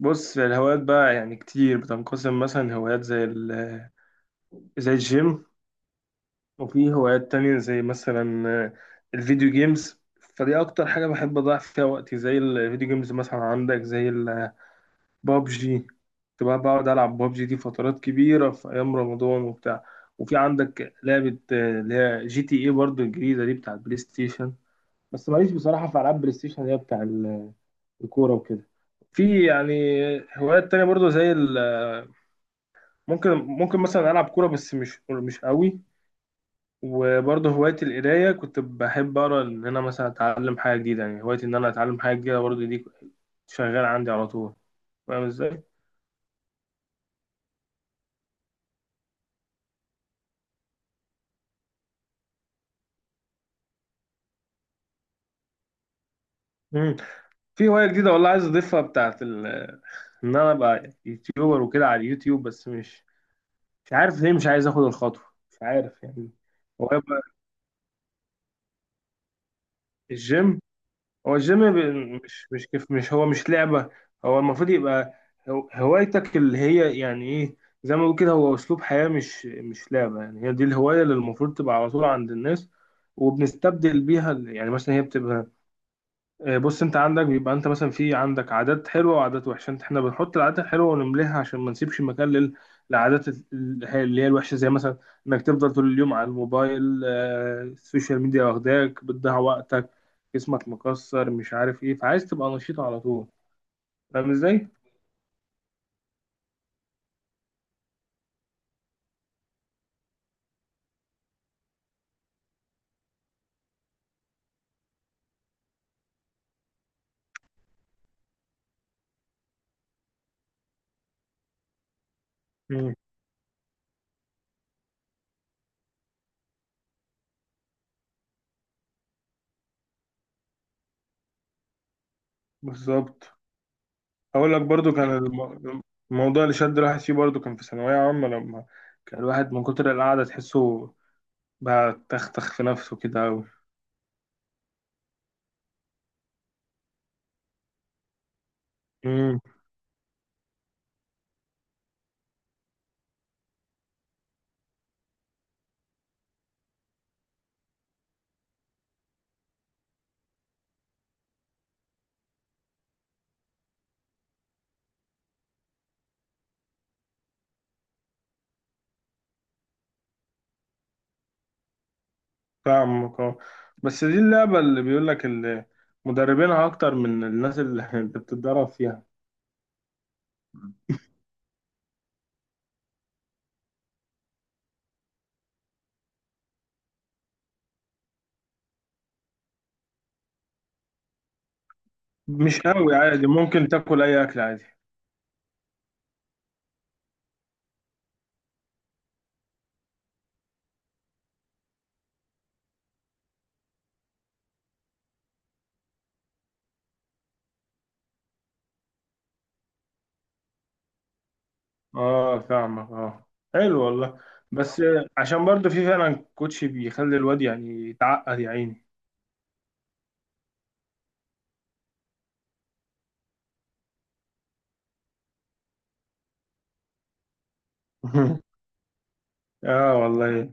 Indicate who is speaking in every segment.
Speaker 1: بص، الهوايات بقى يعني كتير بتنقسم مثلا هوايات زي الجيم. وفي هوايات تانية زي مثلا الفيديو جيمز. فدي أكتر حاجة بحب أضيع فيها وقتي زي الفيديو جيمز. مثلا عندك زي البابجي، كنت بقى بقعد ألعب بابجي دي فترات كبيرة في أيام رمضان وبتاع. وفي عندك لعبة اللي هي جي تي إيه برضه الجديدة دي، بتاع البلاي ستيشن. بس ماليش بصراحة في ألعاب بلاي ستيشن اللي هي بتاع الكورة وكده. في يعني هوايات تانية برضه زي ال آه، ممكن مثلا العب كوره بس مش قوي. وبرضه هوايتي القرايه، كنت بحب اقرا ان انا مثلا اتعلم حاجه جديده. يعني هوايتي ان انا اتعلم حاجه جديده برضه دي شغاله عندي على طول. فاهم ازاي؟ مم. في هوايه جديده والله عايز اضيفها بتاعت ان انا ابقى يوتيوبر وكده على اليوتيوب، بس مش عارف ليه مش عايز اخد الخطوه. مش عارف يعني. هو يبقى الجيم، هو الجيم مش كيف، مش هو مش لعبة. هو المفروض يبقى هوايتك اللي هي يعني ايه. زي ما بقول كده، هو اسلوب حياة مش لعبة. يعني هي دي الهواية اللي المفروض تبقى على طول عند الناس. وبنستبدل بيها يعني مثلا هي بتبقى. بص، انت عندك بيبقى انت مثلا في عندك عادات حلوه وعادات وحشه. انت احنا بنحط العادات الحلوه ونمليها عشان ما نسيبش مكان للعادات اللي هي الوحشه، زي مثلا انك تفضل طول اليوم على الموبايل، السوشيال ميديا واخداك بتضيع وقتك. جسمك مكسر، مش عارف ايه، فعايز تبقى نشيط على طول. فاهم ازاي؟ مم. بالظبط. اقول لك برضو كان الموضوع اللي شد الواحد فيه برضو كان في ثانويه عامه، لما كان الواحد من كتر القعده تحسه بقى تختخ في نفسه كده. أوي. فاهمك اه. بس دي اللعبة اللي بيقول لك مدربينها أكتر من الناس اللي أنت بتتدرب فيها. مش قوي عادي، ممكن تاكل أي أكل عادي. اه، فاهمك اه. حلو والله. بس عشان برضه في فعلا كوتش بيخلي الواد يعني يتعقد يا عيني. اه والله.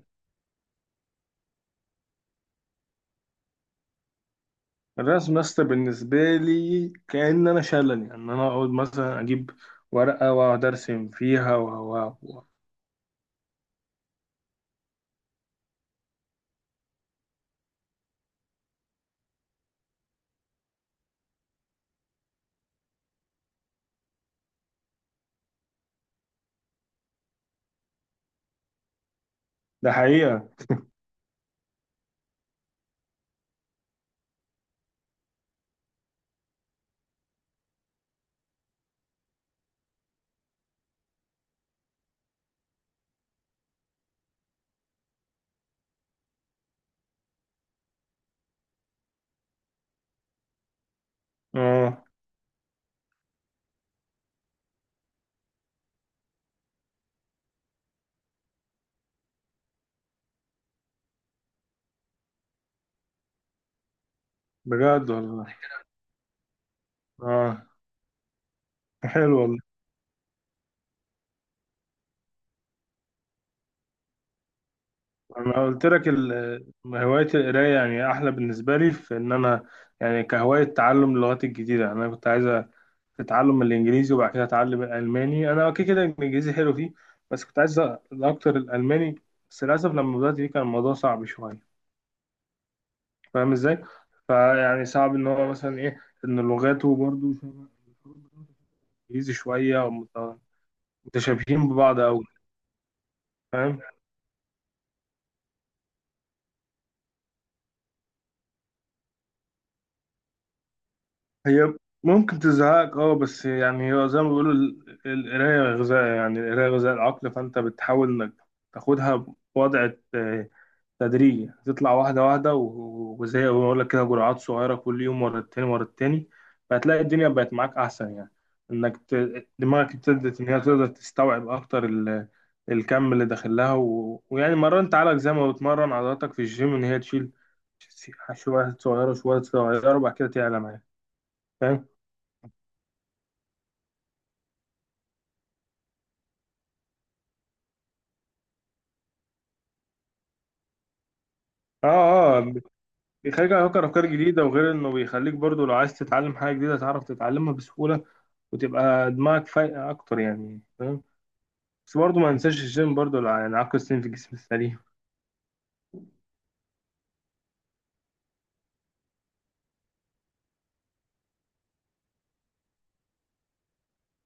Speaker 1: الرسم يا اسطى بالنسبة لي كأن أنا شلل. يعني أنا أقعد مثلا أجيب ورقة وأقعد أرسم فيها. ده حقيقة. اه، بجد والله، اه. حلو والله. انا قلت لك هوايه القرايه يعني احلى بالنسبه لي في ان انا يعني كهوايه تعلم اللغات الجديده. يعني انا كنت عايز اتعلم الانجليزي وبعد كده اتعلم الالماني. انا كده كده الانجليزي حلو فيه. بس كنت عايز اكتر الالماني. بس للاسف لما بدات فيه كان الموضوع صعب شويه. فاهم ازاي؟ فيعني صعب ان هو مثلا ايه، ان لغاته برضو الانجليزي شويه، أو متشابهين ببعض قوي. هي ممكن تزهقك اه، بس يعني هو زي ما بيقولوا القراية غذاء، يعني القراية غذاء العقل. فانت بتحاول انك تاخدها بوضع تدريجي، تطلع واحدة واحدة وزي ما بقول لك كده، جرعات صغيرة كل يوم ورا التاني ورا التاني. فهتلاقي الدنيا بقت معاك أحسن يعني. إنك دماغك ابتدت إن هي تقدر تستوعب أكتر الكم اللي داخل لها، ويعني مرنت عليك زي ما بتمرن عضلاتك في الجيم إن هي تشيل شوية صغيرة شوية صغيرة، وبعد كده تعلى معاك. فاهم؟ اه، اه. بيخليك تفكر افكار جديده، وغير انه بيخليك برضو لو عايز تتعلم حاجه جديده تعرف تتعلمها بسهوله. وتبقى دماغك فايقه اكتر يعني. فاهم؟ بس برضو ما ننساش الجيم برضو، يعني عقل السليم في الجسم السليم.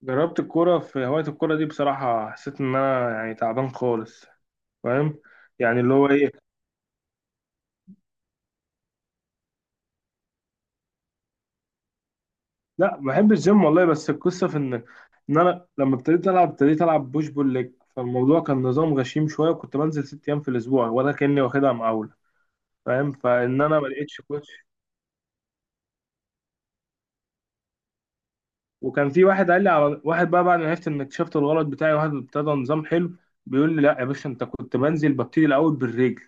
Speaker 1: جربت الكوره. في هوايه الكوره دي بصراحه حسيت ان انا يعني تعبان خالص. فاهم؟ يعني اللي هو ايه. لا، بحب الجيم والله. بس القصه في ان ان انا لما ابتديت العب بوش بول ليج. فالموضوع كان نظام غشيم شويه، وكنت بنزل 6 ايام في الاسبوع ولا كاني واخدها مقاوله. فاهم؟ فان انا ما لقيتش كوتش. وكان في واحد قال لي على واحد بقى بعد ما عرفت ان اكتشفت الغلط بتاعي. واحد ابتدى نظام حلو، بيقول لي: لا يا باشا، انت كنت بنزل ببتدي الاول بالرجل،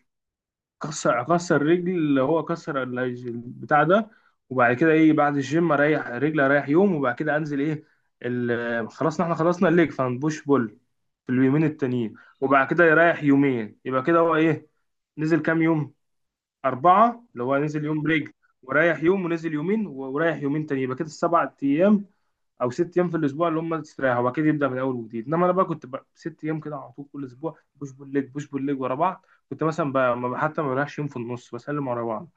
Speaker 1: اكسر رجل، اللي هو كسر البتاع ده. وبعد كده ايه، بعد الجيم اريح رجل، اريح يوم، وبعد كده انزل ايه، خلاص احنا خلصنا الليج فهنبوش بول في اليومين التانيين. وبعد كده يريح يومين، يبقى كده هو ايه، نزل كام يوم؟ أربعة. اللي هو نزل يوم برجل، وريح يوم، ونزل يومين، وريح يومين تاني، يبقى كده السبع أيام او 6 ايام في الاسبوع. اللي هم استرياح هو اكيد يبدا من اول وجديد. انما انا بقى كنت بقى 6 ايام كده على طول كل اسبوع بوش بول ليج بوش بول ليج ورا بعض. كنت مثلا بقى حتى ما بلاش يوم في النص، بسلم ورا بعض.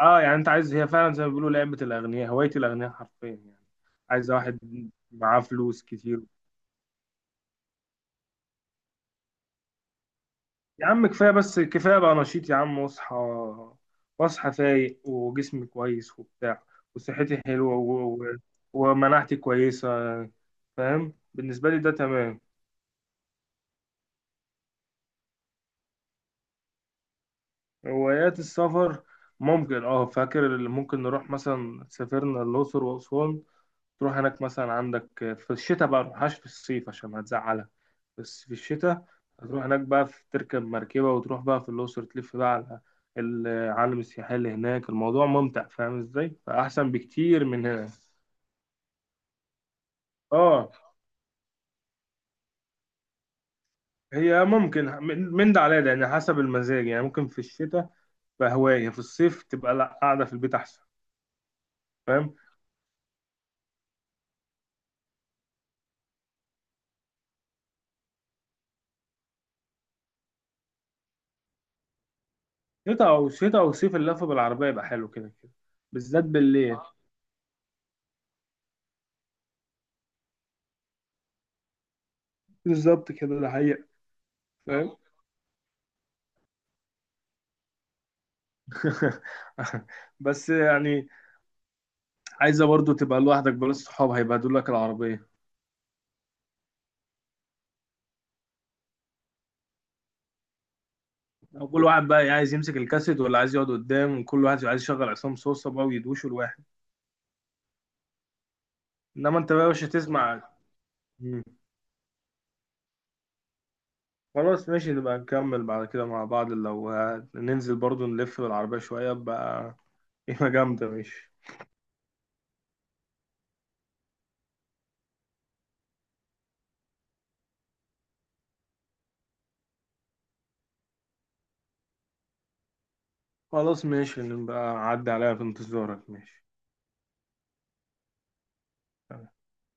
Speaker 1: اه يعني انت عايز. هي فعلا زي ما بيقولوا لعبه الاغنياء، هوايه الاغنياء حرفيا يعني. عايز واحد معاه فلوس كتير. يا عم كفايه، بس كفايه بقى نشيط يا عم، واصحى فايق وجسمي كويس وبتاع، وصحتي حلوه. ومناعتي كويسه. فاهم، بالنسبه لي ده تمام. هوايات السفر ممكن اه، فاكر اللي ممكن نروح مثلا، سافرنا الأقصر وأسوان. تروح هناك مثلا عندك في الشتاء، بقى متروحهاش في الصيف عشان هتزعلها. بس في الشتاء هتروح هناك بقى، في تركب مركبة وتروح بقى في الأقصر، تلف بقى على العالم السياحي اللي هناك. الموضوع ممتع، فاهم ازاي؟ فأحسن بكتير من هنا. اه. هي ممكن من ده على ده، يعني حسب المزاج. يعني ممكن في الشتاء بقى هواية، في الصيف تبقى لا، قاعدة في البيت أحسن. فاهم، شتاء او صيف اللف بالعربيه يبقى حلو كده كده. بالذات بالليل. بالظبط كده، ده حقيقة. فاهم. بس يعني عايزه برضو تبقى لوحدك، بلا صحاب هيبهدلوا لك العربيه. كل واحد بقى عايز يمسك الكاسيت، ولا عايز يقعد قدام، وكل واحد عايز يشغل عصام صوصه بقى ويدوشوا الواحد. انما انت بقى مش هتسمع. مم. خلاص ماشي، نبقى نكمل بعد كده مع بعض لو ننزل برضو نلف بالعربيه شويه بقى. قيمه جامده، ماشي. خلاص ماشي، نبقى عدي عليها في انتظارك، ماشي.